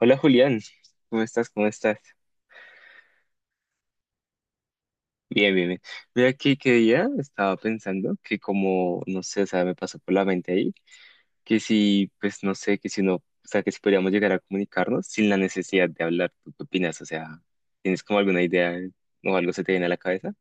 Hola Julián, ¿cómo estás? ¿Cómo estás? Bien, bien, bien. Mira aquí que día estaba pensando que como, no sé, o sea, me pasó por la mente ahí, que si, pues no sé, que si no, o sea, que si podríamos llegar a comunicarnos sin la necesidad de hablar, ¿tú qué opinas? O sea, ¿tienes como alguna idea o algo se te viene a la cabeza?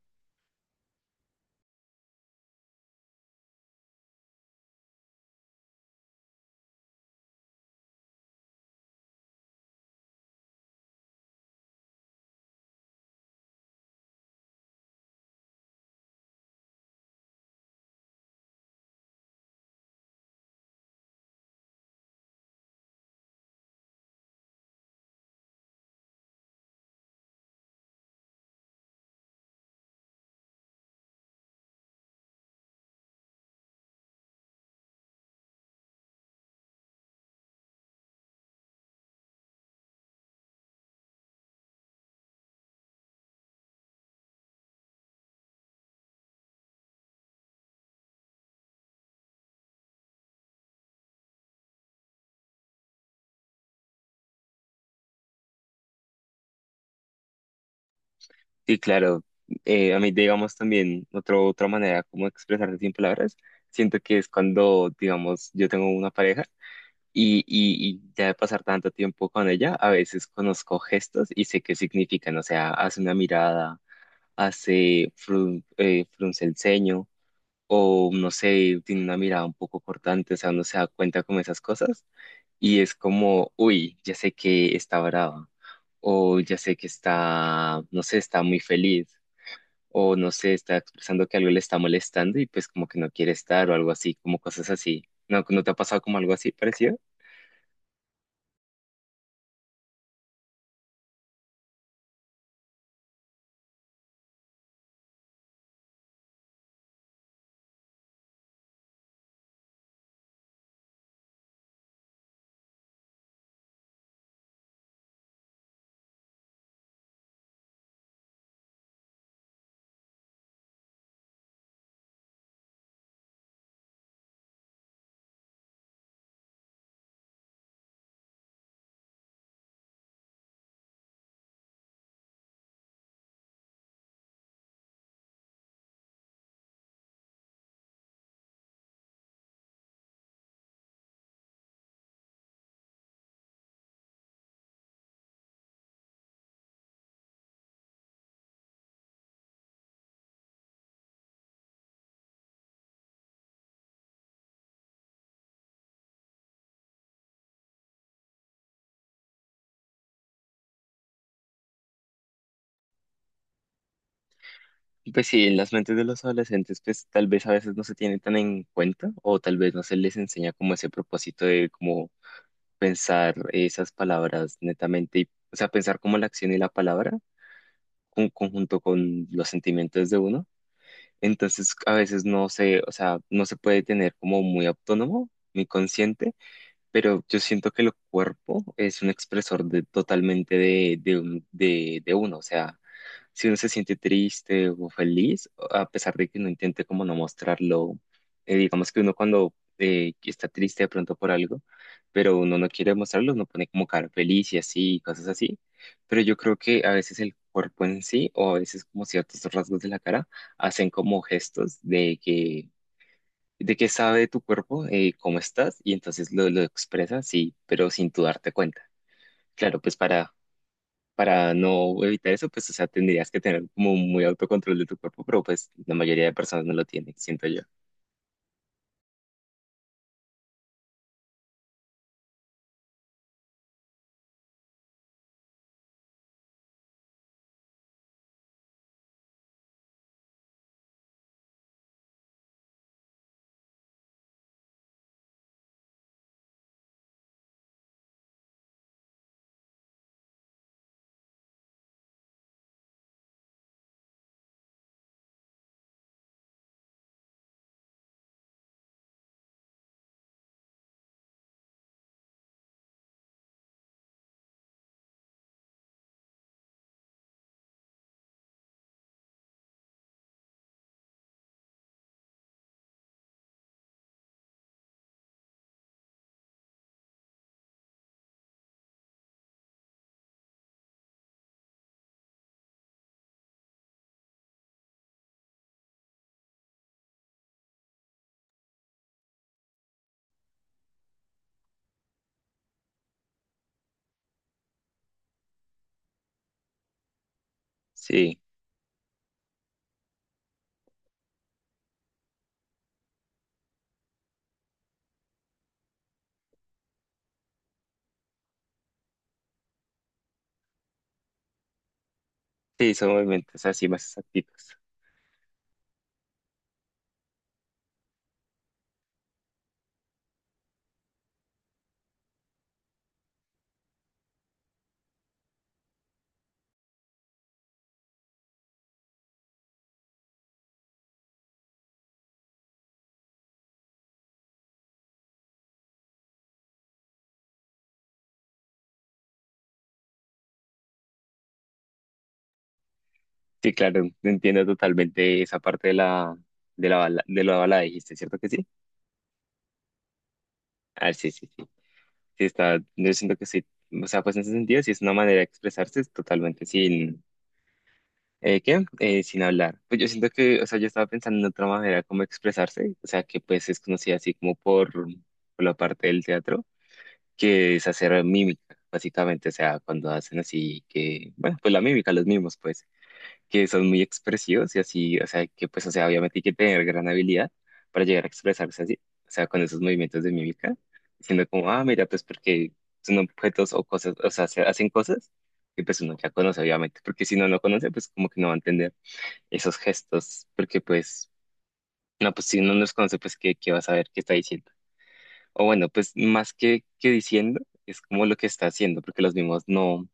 Sí, claro, a mí digamos también otra manera como expresarse sin palabras, siento que es cuando, digamos, yo tengo una pareja. Y ya de pasar tanto tiempo con ella, a veces conozco gestos y sé qué significan. O sea, hace una mirada, hace frunce el ceño, o no sé, tiene una mirada un poco cortante, o sea, uno se da cuenta como esas cosas. Y es como, uy, ya sé que está brava, o ya sé que está, no sé, está muy feliz, o no sé, está expresando que algo le está molestando y pues como que no quiere estar, o algo así, como cosas así. ¿No, no te ha pasado como algo así parecido? Pues sí, en las mentes de los adolescentes, pues tal vez a veces no se tienen tan en cuenta o tal vez no se les enseña como ese propósito de como pensar esas palabras netamente, y, o sea, pensar como la acción y la palabra conjunto con los sentimientos de uno. Entonces, a veces no se, o sea, no se puede tener como muy autónomo, muy consciente, pero yo siento que el cuerpo es un expresor de, totalmente de uno, o sea si uno se siente triste o feliz, a pesar de que uno intente como no mostrarlo, digamos que uno cuando está triste de pronto por algo, pero uno no quiere mostrarlo, uno pone como cara feliz y así, y cosas así, pero yo creo que a veces el cuerpo en sí o a veces como ciertos rasgos de la cara hacen como gestos de que sabe tu cuerpo cómo estás y entonces lo expresas, sí, pero sin tú darte cuenta. Claro, pues para no evitar eso, pues, o sea, tendrías que tener como muy autocontrol de tu cuerpo, pero pues la mayoría de personas no lo tienen, siento yo. Sí, sí, son movimientos así más activos. Sí, claro, entiendo totalmente esa parte de la bala, dijiste, ¿cierto que sí? Ah, sí, sí, sí. Sí, está, yo siento que sí. O sea, pues en ese sentido, sí es una manera de expresarse es totalmente sin, ¿qué? Sin hablar. Pues yo siento que, o sea, yo estaba pensando en otra manera como expresarse, o sea, que pues es conocida así como por la parte del teatro que es hacer mímica, básicamente, o sea, cuando hacen así que, bueno, pues la mímica, los mismos, pues, que son muy expresivos y así, o sea, que pues, o sea, obviamente hay que tener gran habilidad para llegar a expresarse así, o sea, con esos movimientos de mímica, diciendo como, ah, mira, pues porque son objetos o cosas, o sea, se hacen cosas que pues uno ya conoce, obviamente, porque si no lo conoce, pues como que no va a entender esos gestos, porque pues, no, pues si uno no los conoce, pues, ¿qué, qué va a saber qué está diciendo? O bueno, pues más que diciendo, es como lo que está haciendo, porque los mismos no,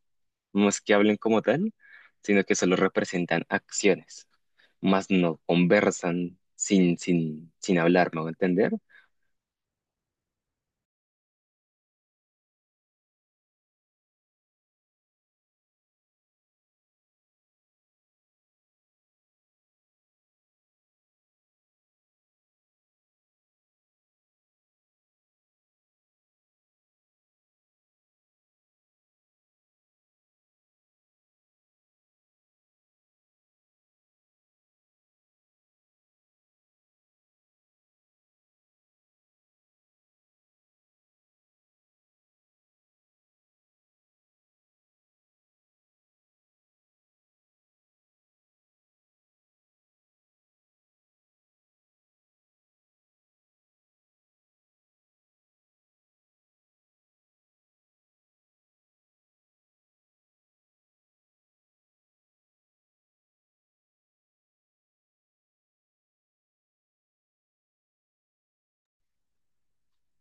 no es que hablen como tal, sino que solo representan acciones, más no conversan sin hablar, ¿me voy a entender?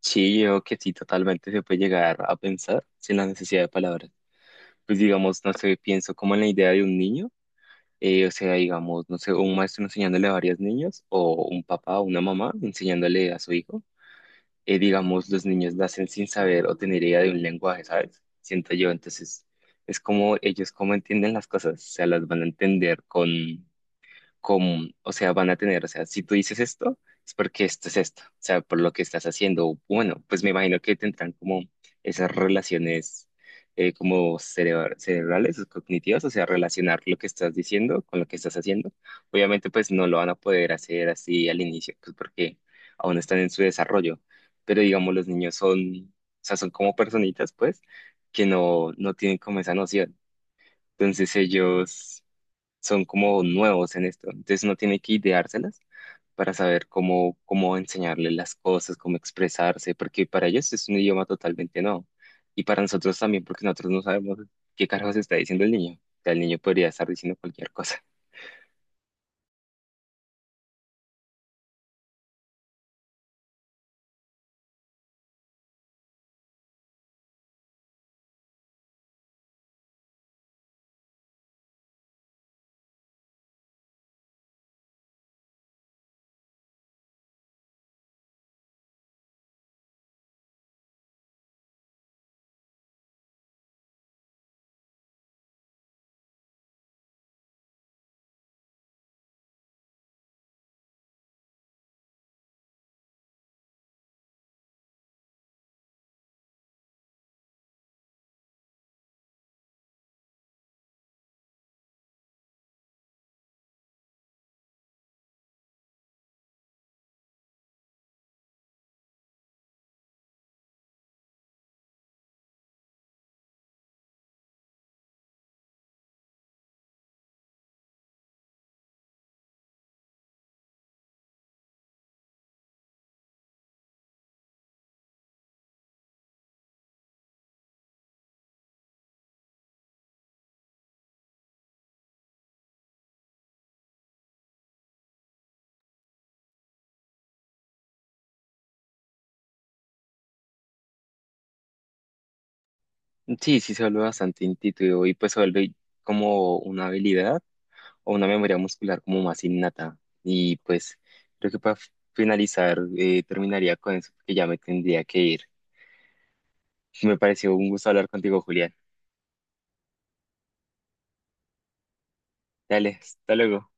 Sí, yo que sí, totalmente se puede llegar a pensar sin la necesidad de palabras. Pues digamos, no sé, pienso como en la idea de un niño, o sea, digamos, no sé, un maestro enseñándole a varios niños, o un papá o una mamá enseñándole a su hijo. Digamos, los niños nacen sin saber o tener idea de un lenguaje, ¿sabes? Siento yo, entonces es como ellos cómo entienden las cosas, o sea, las van a entender con, como, o sea, van a tener, o sea, si tú dices esto, es porque esto es esto, o sea, por lo que estás haciendo. Bueno, pues me imagino que tendrán como esas relaciones como cerebrales o cognitivas, o sea, relacionar lo que estás diciendo con lo que estás haciendo. Obviamente, pues no lo van a poder hacer así al inicio, pues porque aún no están en su desarrollo, pero digamos, los niños son, o sea, son como personitas, pues, que no, no tienen como esa noción. Entonces ellos son como nuevos en esto, entonces uno tiene que ideárselas para saber cómo, cómo enseñarle las cosas, cómo expresarse, porque para ellos es un idioma totalmente nuevo. Y para nosotros también, porque nosotros no sabemos qué carajos está diciendo el niño. O sea, el niño podría estar diciendo cualquier cosa. Sí, sí, se vuelve bastante intuitivo y pues se vuelve como una habilidad o una memoria muscular como más innata. Y pues creo que para finalizar, terminaría con eso, porque ya me tendría que ir. Me pareció un gusto hablar contigo, Julián. Dale, hasta luego.